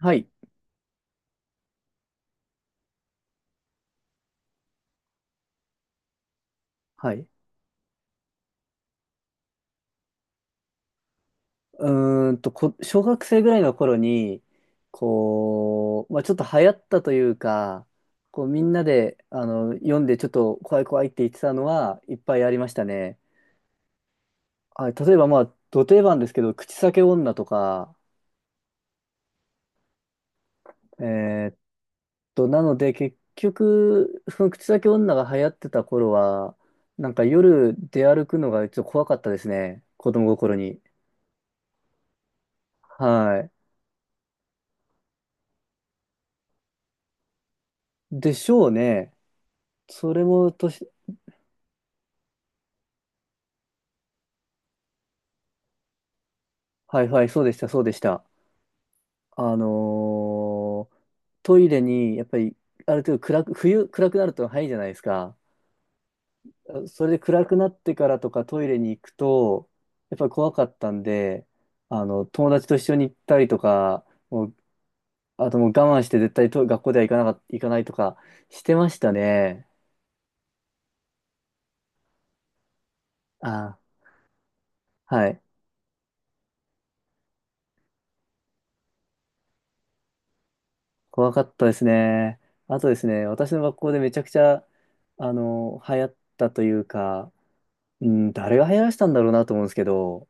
はい。はい。小学生ぐらいの頃に、ちょっと流行ったというか、こう、みんなで、読んでちょっと怖い怖いって言ってたのはいっぱいありましたね。はい、例えば、まあ、ど定番ですけど、口裂け女とか、えーっなので、結局、その口裂け女が流行ってた頃は、なんか夜出歩くのがちょっと怖かったですね。子供心に。はい。でしょうね。それも年はいはい、そうでした、そうでした。あのートイレに、やっぱり、ある程度暗く、冬暗くなると早いじゃないですか。それで暗くなってからとかトイレに行くと、やっぱり怖かったんで、友達と一緒に行ったりとか、もう、あともう我慢して絶対と学校では行かなか、行かないとかしてましたね。あ、はい。怖かったですね。あとですね、私の学校でめちゃくちゃ、流行ったというか、うん、誰が流行らせたんだろうなと思うんですけど、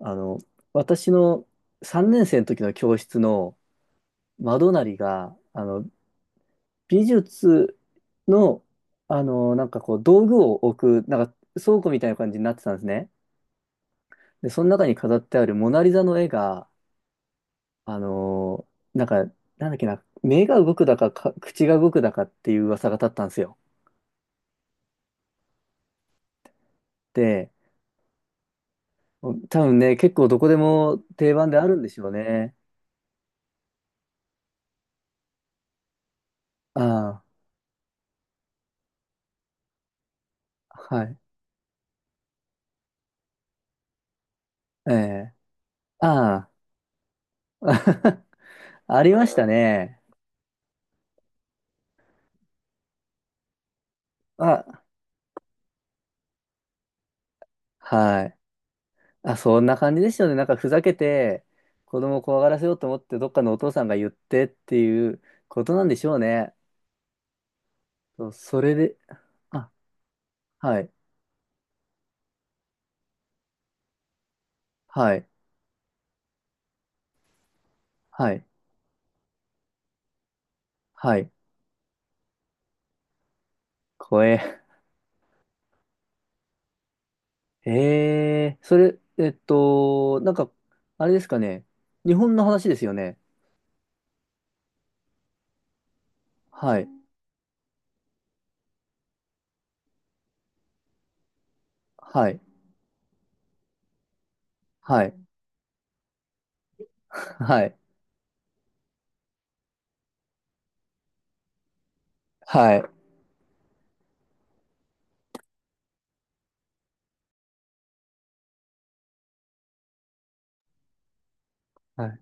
あの、私の3年生の時の教室の窓なりが、美術の、道具を置く、なんか倉庫みたいな感じになってたんですね。で、その中に飾ってあるモナリザの絵が、あの、なんか、なんだっけな、目が動くだか、か口が動くだかっていう噂が立ったんですよ。で、多分ね、結構どこでも定番であるんでしょうね。ああ、はい。ええああ、ありましたね。あ、はい。あ、そんな感じでしたよね。なんかふざけて、子供を怖がらせようと思って、どっかのお父さんが言ってっていうことなんでしょうね。そうそれで、あ、はい、はい、はい、はい、怖え。ええ、それ、えっと、なんか、あれですかね。日本の話ですよね。はい、はい、はい、はい、はい。はい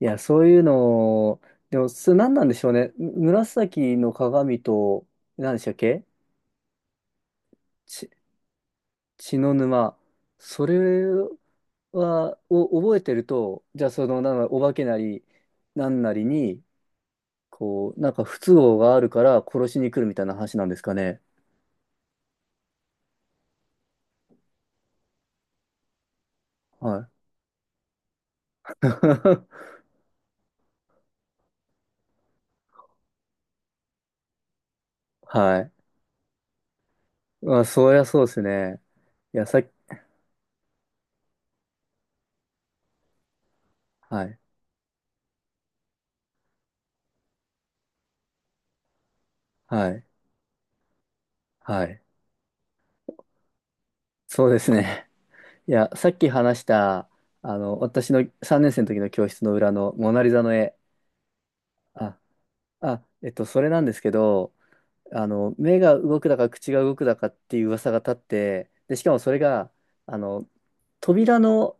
いや、そういうのを、でも、す、何なんでしょうね。紫の鏡と、何でしたっけち、血の沼。それは、を覚えてると、じゃあ、その、なんかお化けなり、なんなりに、不都合があるから殺しに来るみたいな話なんですかね。はい。はい。まあ、そりゃそうですね。いや、さっき、はい。はい。はい。そうですね。いや、さっき話した、あの、私の3年生の時の教室の裏のモナリザの絵。あ、それなんですけど、目が動くだか口が動くだかっていう噂が立って、で、しかもそれが、あの、扉の、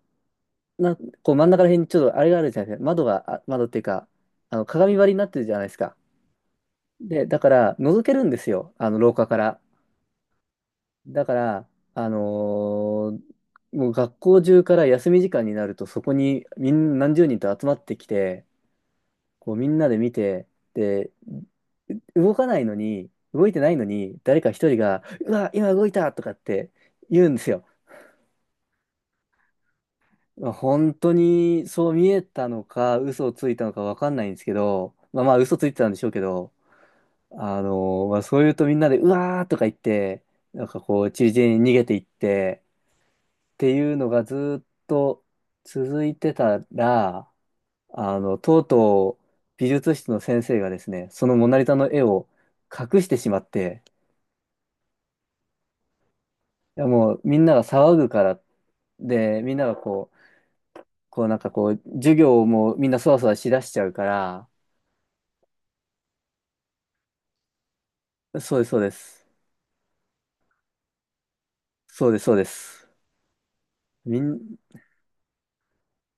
な、こう真ん中ら辺にちょっとあれがあるじゃないですか。窓が、窓っていうか、あの、鏡張りになってるじゃないですか。で、だから、覗けるんですよ。あの、廊下から。だから、あのーもう学校中から休み時間になるとそこにみん何十人と集まってきて、こうみんなで見て、で、動かないのに、動いてないのに、誰か一人が、うわ、今動いたとかって言うんですよ。まあ本当にそう見えたのか、嘘をついたのかわかんないんですけど、まあまあ嘘ついてたんでしょうけど、あのまあそう言うとみんなで、うわーとか言って、なんかこう、ちりぢりに逃げていって、ていうのがずっと続いてたら、あの、とうとう美術室の先生がですね、そのモナリザの絵を隠してしまって、いやもうみんなが騒ぐから、で、みんながこう、授業をもうみんなそわそわしだしちゃうから、そうです、そうです。そうです、そうです。みん、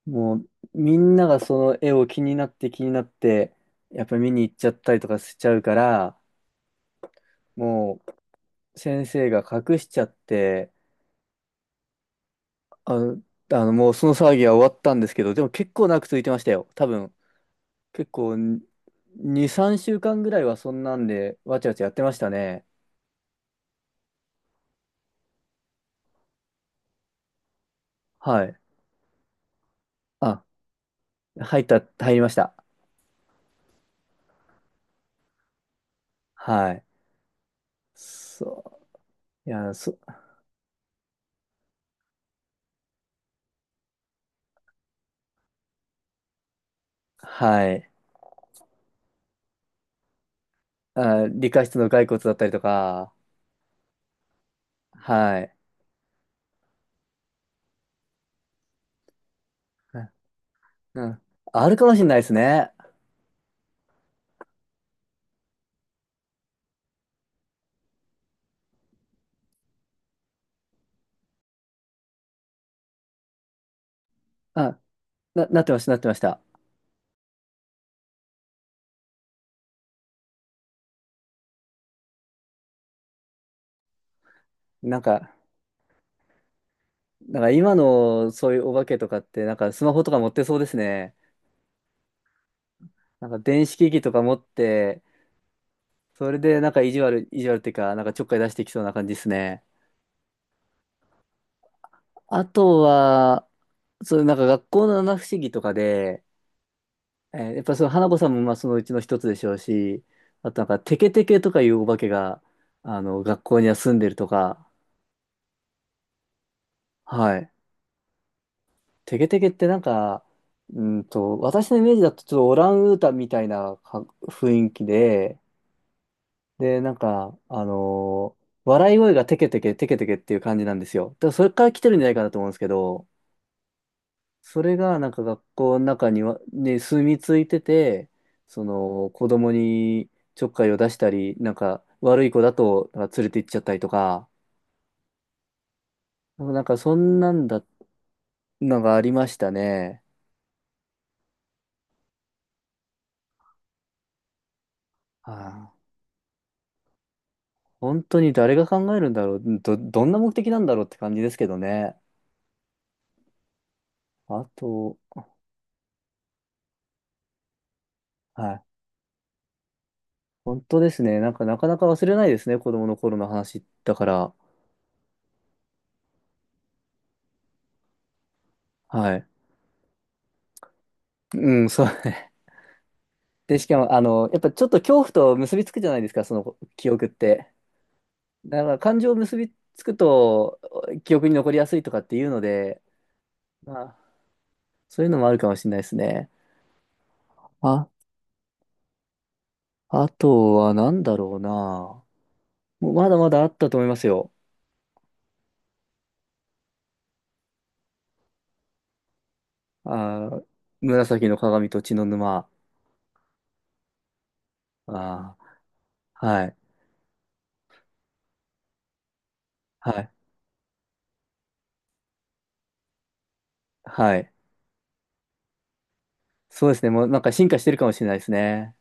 もうみんながその絵を気になって気になって、やっぱり見に行っちゃったりとかしちゃうから、もう先生が隠しちゃって、あの、もうその騒ぎは終わったんですけど、でも結構長く続いてましたよ。多分、結構にさん2、3週間ぐらいはそんなんで、わちゃわちゃやってましたね。はい。あ、入った、入りました。はい。そう。はい。あ、理科室の骸骨だったりとか、はい。うん。あるかもしれないですね。あ、な、なってました、なってました。なんか、なんか今のそういうお化けとかって、なんかスマホとか持ってそうですね。なんか電子機器とか持って、それで、意地悪っていうか、なんかちょっかい出してきそうな感じですね。あとは、そう、なんか学校の七不思議とかで、えーやっぱその花子さんもまあそのうちの一つでしょうし、あとなんかテケテケとかいうお化けが、あの、学校には住んでるとか、はい。テケテケってなんか、うーんと、私のイメージだとちょっとオランウータンみたいなか雰囲気で、で、なんか、笑い声がテケテケテケテケっていう感じなんですよ。だからそれから来てるんじゃないかなと思うんですけど、それがなんか学校の中には、ね、住み着いてて、その子供にちょっかいを出したり、なんか悪い子だとなんか連れて行っちゃったりとか、なんかそんなんだ、のがありましたね。はあ、本当に誰が考えるんだろう、どんな目的なんだろうって感じですけどね。あと、はい、本当ですね。なんかなかなか忘れないですね、子供の頃の話だから。はい。うん、そう。で、しかも、あの、やっぱちょっと恐怖と結びつくじゃないですか、その記憶って。だから感情を結びつくと記憶に残りやすいとかっていうので、まあ、そういうのもあるかもしれないですね。あ、あとは何だろうな。もうまだまだあったと思いますよ。あー、紫の鏡と血の沼。あー、はい、はい、はい。そうですね。もうなんか進化してるかもしれないですね。